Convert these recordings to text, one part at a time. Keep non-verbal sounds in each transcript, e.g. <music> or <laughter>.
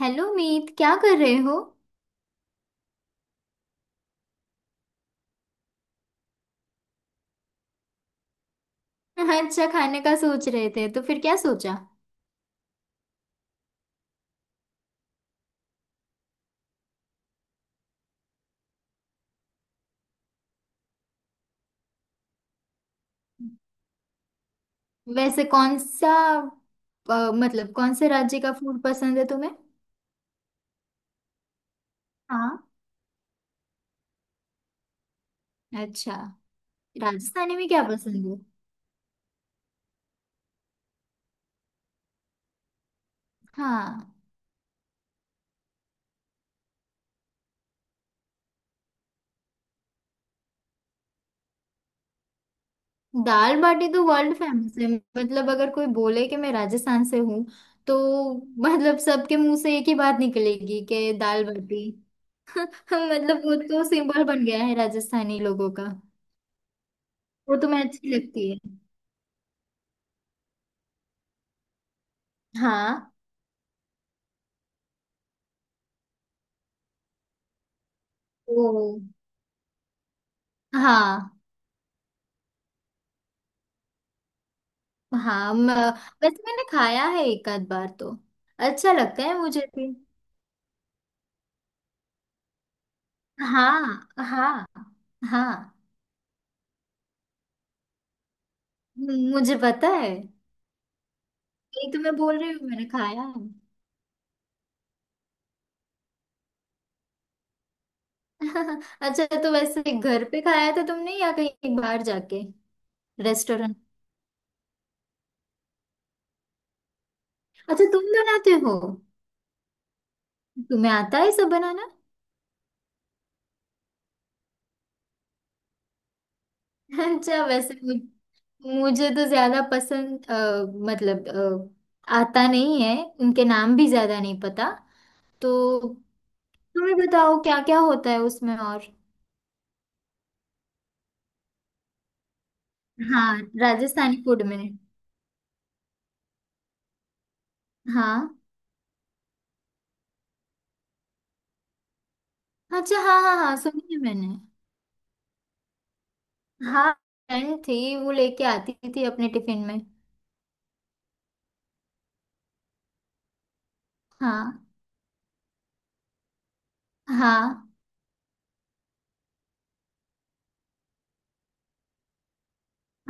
Hello Meet, क्या कर रहे हो। हाँ, अच्छा खाने का सोच रहे थे तो फिर क्या सोचा। वैसे कौन सा मतलब कौन से राज्य का फूड पसंद है तुम्हें। हाँ, अच्छा। राजस्थानी में क्या पसंद है। हाँ। दाल बाटी तो वर्ल्ड फेमस है। मतलब अगर कोई बोले कि मैं राजस्थान से हूँ तो मतलब सबके मुंह से एक ही बात निकलेगी कि दाल बाटी। <laughs> मतलब वो तो सिंबल बन गया है राजस्थानी लोगों का। वो तुम्हें अच्छी लगती है। हाँ। ओ, हाँ। हाँ, वैसे मैंने खाया है एक आध बार तो। अच्छा लगता है मुझे भी। हाँ, हाँ, हाँ। मुझे पता है यही। तो मैं बोल रही हूँ, मैंने खाया है। <laughs> अच्छा, तो वैसे घर पे खाया था तुमने या कहीं बाहर जाके। रेस्टोरेंट। अच्छा, तुम बनाते हो। तुम्हें आता है सब बनाना। <laughs> अच्छा, वैसे मुझे तो ज्यादा पसंद, मतलब, आता नहीं है। उनके नाम भी ज्यादा नहीं पता, तो तुम्हें बताओ क्या क्या होता है उसमें और। हाँ, राजस्थानी फूड में। हाँ। अच्छा, हाँ हाँ हाँ, सुनी है मैंने। हाँ, फ्रेंड थी, वो लेके आती थी अपने टिफिन में। हाँ, हाँ,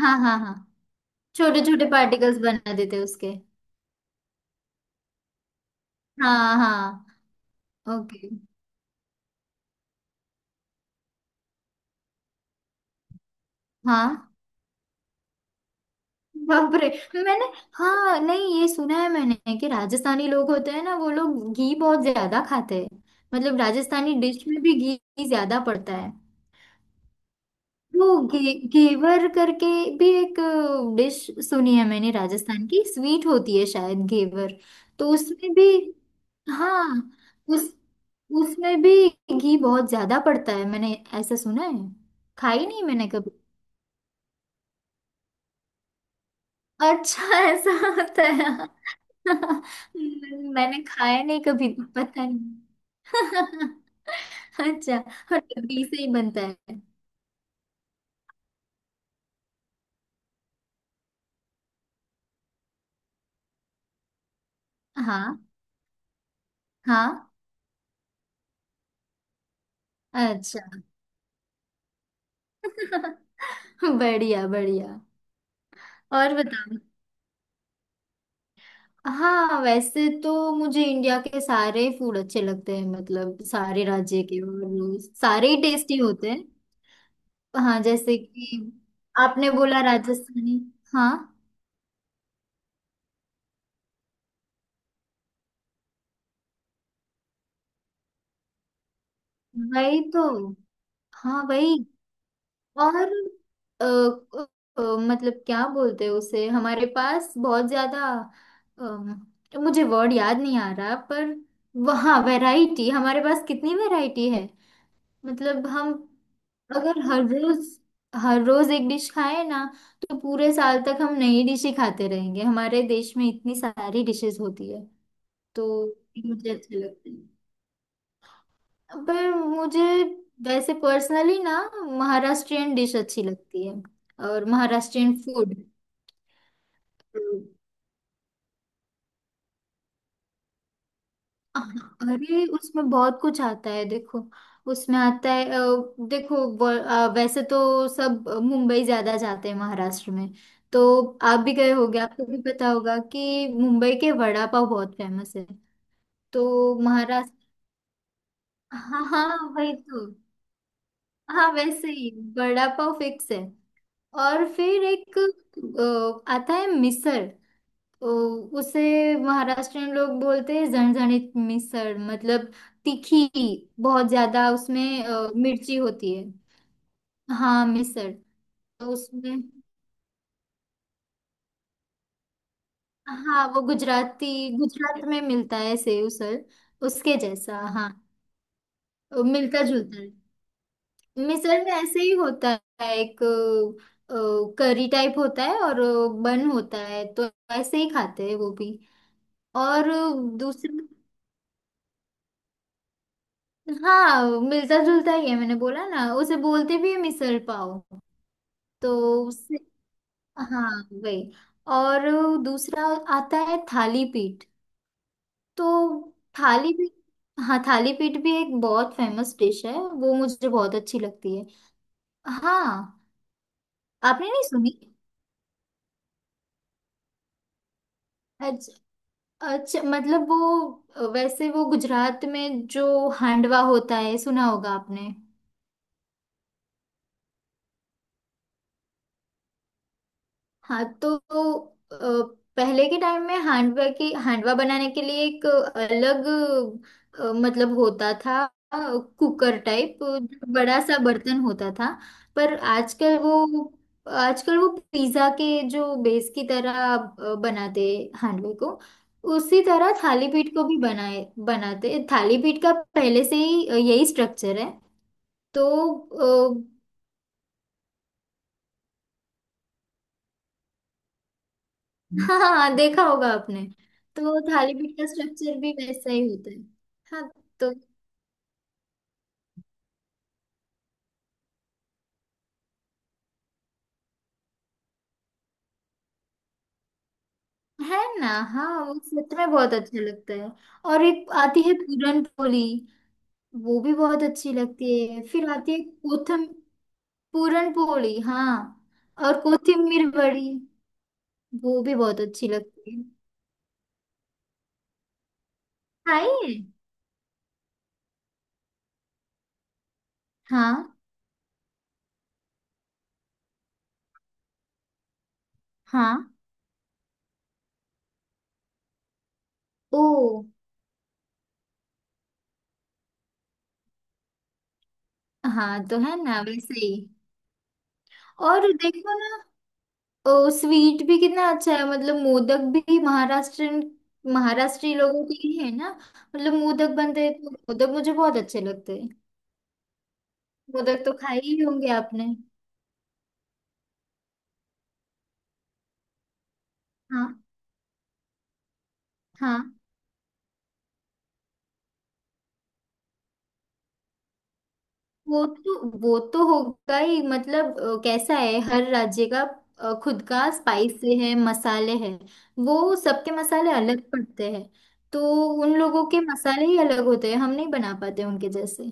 हाँ। हाँ, हाँ। छोटे छोटे पार्टिकल्स बना देते उसके। हाँ, हाँ। ओके। हाँ। बाप रे। मैंने, हाँ नहीं, ये सुना है मैंने कि राजस्थानी लोग होते हैं ना, वो लोग घी बहुत ज्यादा खाते हैं। मतलब राजस्थानी डिश में भी घी ज्यादा पड़ता है। वो घेवर करके भी एक डिश सुनी है मैंने, राजस्थान की स्वीट होती है शायद घेवर। तो उसमें भी, हाँ, उस उसमें भी घी बहुत ज्यादा पड़ता है, मैंने ऐसा सुना है। खाई नहीं मैंने कभी। अच्छा, ऐसा होता है। <laughs> मैंने खाया नहीं कभी, पता नहीं। <laughs> अच्छा, और डबली से ही बनता है। हाँ हाँ। अच्छा। <laughs> बढ़िया बढ़िया। और बताओ। हाँ, वैसे तो मुझे इंडिया के सारे फूड अच्छे लगते हैं, मतलब सारे राज्य के, और वो सारे ही टेस्टी होते हैं। हाँ, जैसे कि आपने बोला राजस्थानी। हाँ, वही तो। हाँ, वही। और अ, अ, अ, मतलब क्या बोलते हैं उसे, हमारे पास बहुत ज्यादा, अम, मुझे वर्ड याद नहीं आ रहा, पर वहाँ वैरायटी, हमारे पास कितनी वैरायटी है। मतलब हम अगर हर रोज एक डिश खाएं ना, तो पूरे साल तक हम नई डिश ही खाते रहेंगे। हमारे देश में इतनी सारी डिशेस होती है। तो मुझे अच्छी लगती है। पर मुझे, वैसे पर्सनली ना, महाराष्ट्रियन डिश अच्छी लगती है। और महाराष्ट्रियन फूड तो, अरे उसमें बहुत कुछ आता है। देखो, उसमें आता है देखो, वैसे तो सब मुंबई ज्यादा जाते हैं महाराष्ट्र में। तो आप भी गए होगे, आपको भी पता होगा कि मुंबई के वड़ा पाव बहुत फेमस है। तो महाराष्ट्र, हाँ हाँ, वही तो। हाँ, वैसे ही, वड़ा पाव फिक्स है। और फिर एक आता है मिसल। ओ, उसे महाराष्ट्रियन लोग बोलते हैं झणझणीत मिसळ, मतलब तीखी बहुत ज्यादा, उसमें मिर्ची होती है। हाँ मिसळ। तो उसमें, हाँ, वो गुजराती, गुजरात में मिलता है सेव उसल, उसके जैसा, हाँ, मिलता जुलता है। मिसळ में ऐसे ही होता है, एक करी टाइप होता है, और बन होता है। तो ऐसे ही खाते हैं वो भी। और दूसरा, हाँ मिलता जुलता ही है, मैंने बोला ना, उसे बोलते भी है मिसल पाव। तो उससे, हाँ, वही। और दूसरा आता है थाली पीठ। तो थाली पीठ, हाँ थाली पीठ भी एक बहुत फेमस डिश है, वो मुझे बहुत अच्छी लगती है। हाँ, आपने नहीं सुनी। अच्छा, अच्छा मतलब वो, वैसे वो गुजरात में जो हांडवा होता है, सुना होगा आपने। हाँ, तो पहले के टाइम में हांडवा की, हांडवा बनाने के लिए एक अलग मतलब होता था, अ, कुकर टाइप बड़ा सा बर्तन होता था। पर आजकल वो, आजकल वो पिज्जा के जो बेस की तरह बनाते हांडवे को, उसी तरह थाली पीठ को भी बनाए बनाते। थाली पीठ का पहले से ही यही स्ट्रक्चर है। तो <laughs> हाँ हाँ, देखा होगा आपने। तो थाली पीठ का स्ट्रक्चर भी वैसा ही होता है। हाँ, तो है ना। हाँ, वो सच में बहुत अच्छा लगता है। और एक आती है पूरन पोली, वो भी बहुत अच्छी लगती है। फिर आती है कोथम, पूरन पोली हाँ, और कोथिमीर बड़ी, वो भी बहुत अच्छी लगती है। खाई है। हाँ, हाँ। ओ। हाँ, तो है ना, वैसे ही। और देखो ना, ओ स्वीट भी कितना अच्छा है, मतलब मोदक भी महाराष्ट्रन, महाराष्ट्री लोगों के लिए है ना। मतलब मोदक बनते हैं, तो मोदक मुझे बहुत अच्छे लगते हैं। मोदक तो खाए ही होंगे आपने। हाँ। हाँ, वो तो, वो तो होगा ही, मतलब कैसा है हर राज्य का, खुद का स्पाइसी है, मसाले हैं, वो सबके मसाले अलग पड़ते हैं। तो उन लोगों के मसाले ही अलग होते हैं, हम नहीं बना पाते उनके जैसे।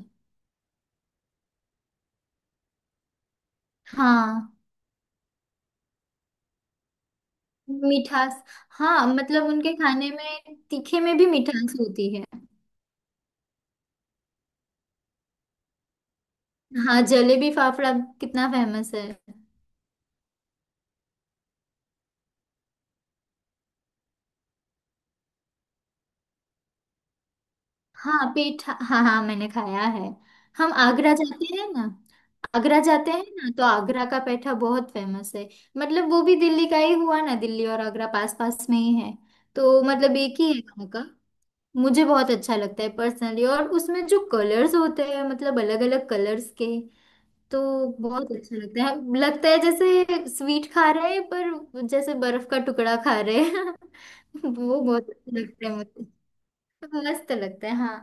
हाँ, मिठास। हाँ, मतलब उनके खाने में तीखे में भी मिठास होती है। हाँ, जलेबी फाफड़ा, कितना फेमस है। हाँ, पीठा, हाँ हाँ मैंने खाया है। हम आगरा जाते हैं ना, आगरा जाते हैं ना, तो आगरा का पेठा बहुत फेमस है। मतलब वो भी दिल्ली का ही हुआ ना, दिल्ली और आगरा पास पास में ही है। तो मतलब एक ही है वहाँ का। मुझे बहुत अच्छा लगता है पर्सनली, और उसमें जो कलर्स होते हैं, मतलब अलग अलग कलर्स के, तो बहुत अच्छा लगता है। लगता है जैसे स्वीट खा रहे हैं, पर जैसे बर्फ का टुकड़ा खा रहे हैं। <laughs> वो बहुत अच्छा लगता है मुझे। मस्त लगता है, हाँ।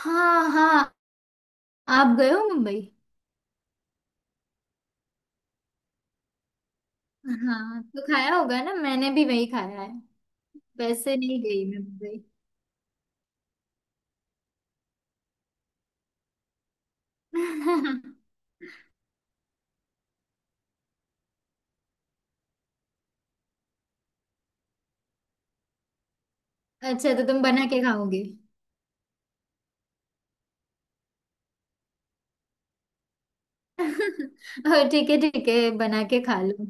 हाँ, हाँ। आप गए हो मुंबई। हाँ, तो खाया होगा ना, मैंने भी वही खाया है। वैसे नहीं गई मैं मुंबई। <laughs> अच्छा, तो तुम बना के खाओगे। <laughs> और ठीक है ठीक है, बना के खा लो।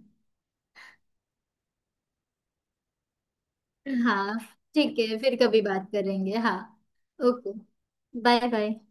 हाँ, ठीक है, फिर कभी बात करेंगे, हाँ। Okay, bye bye.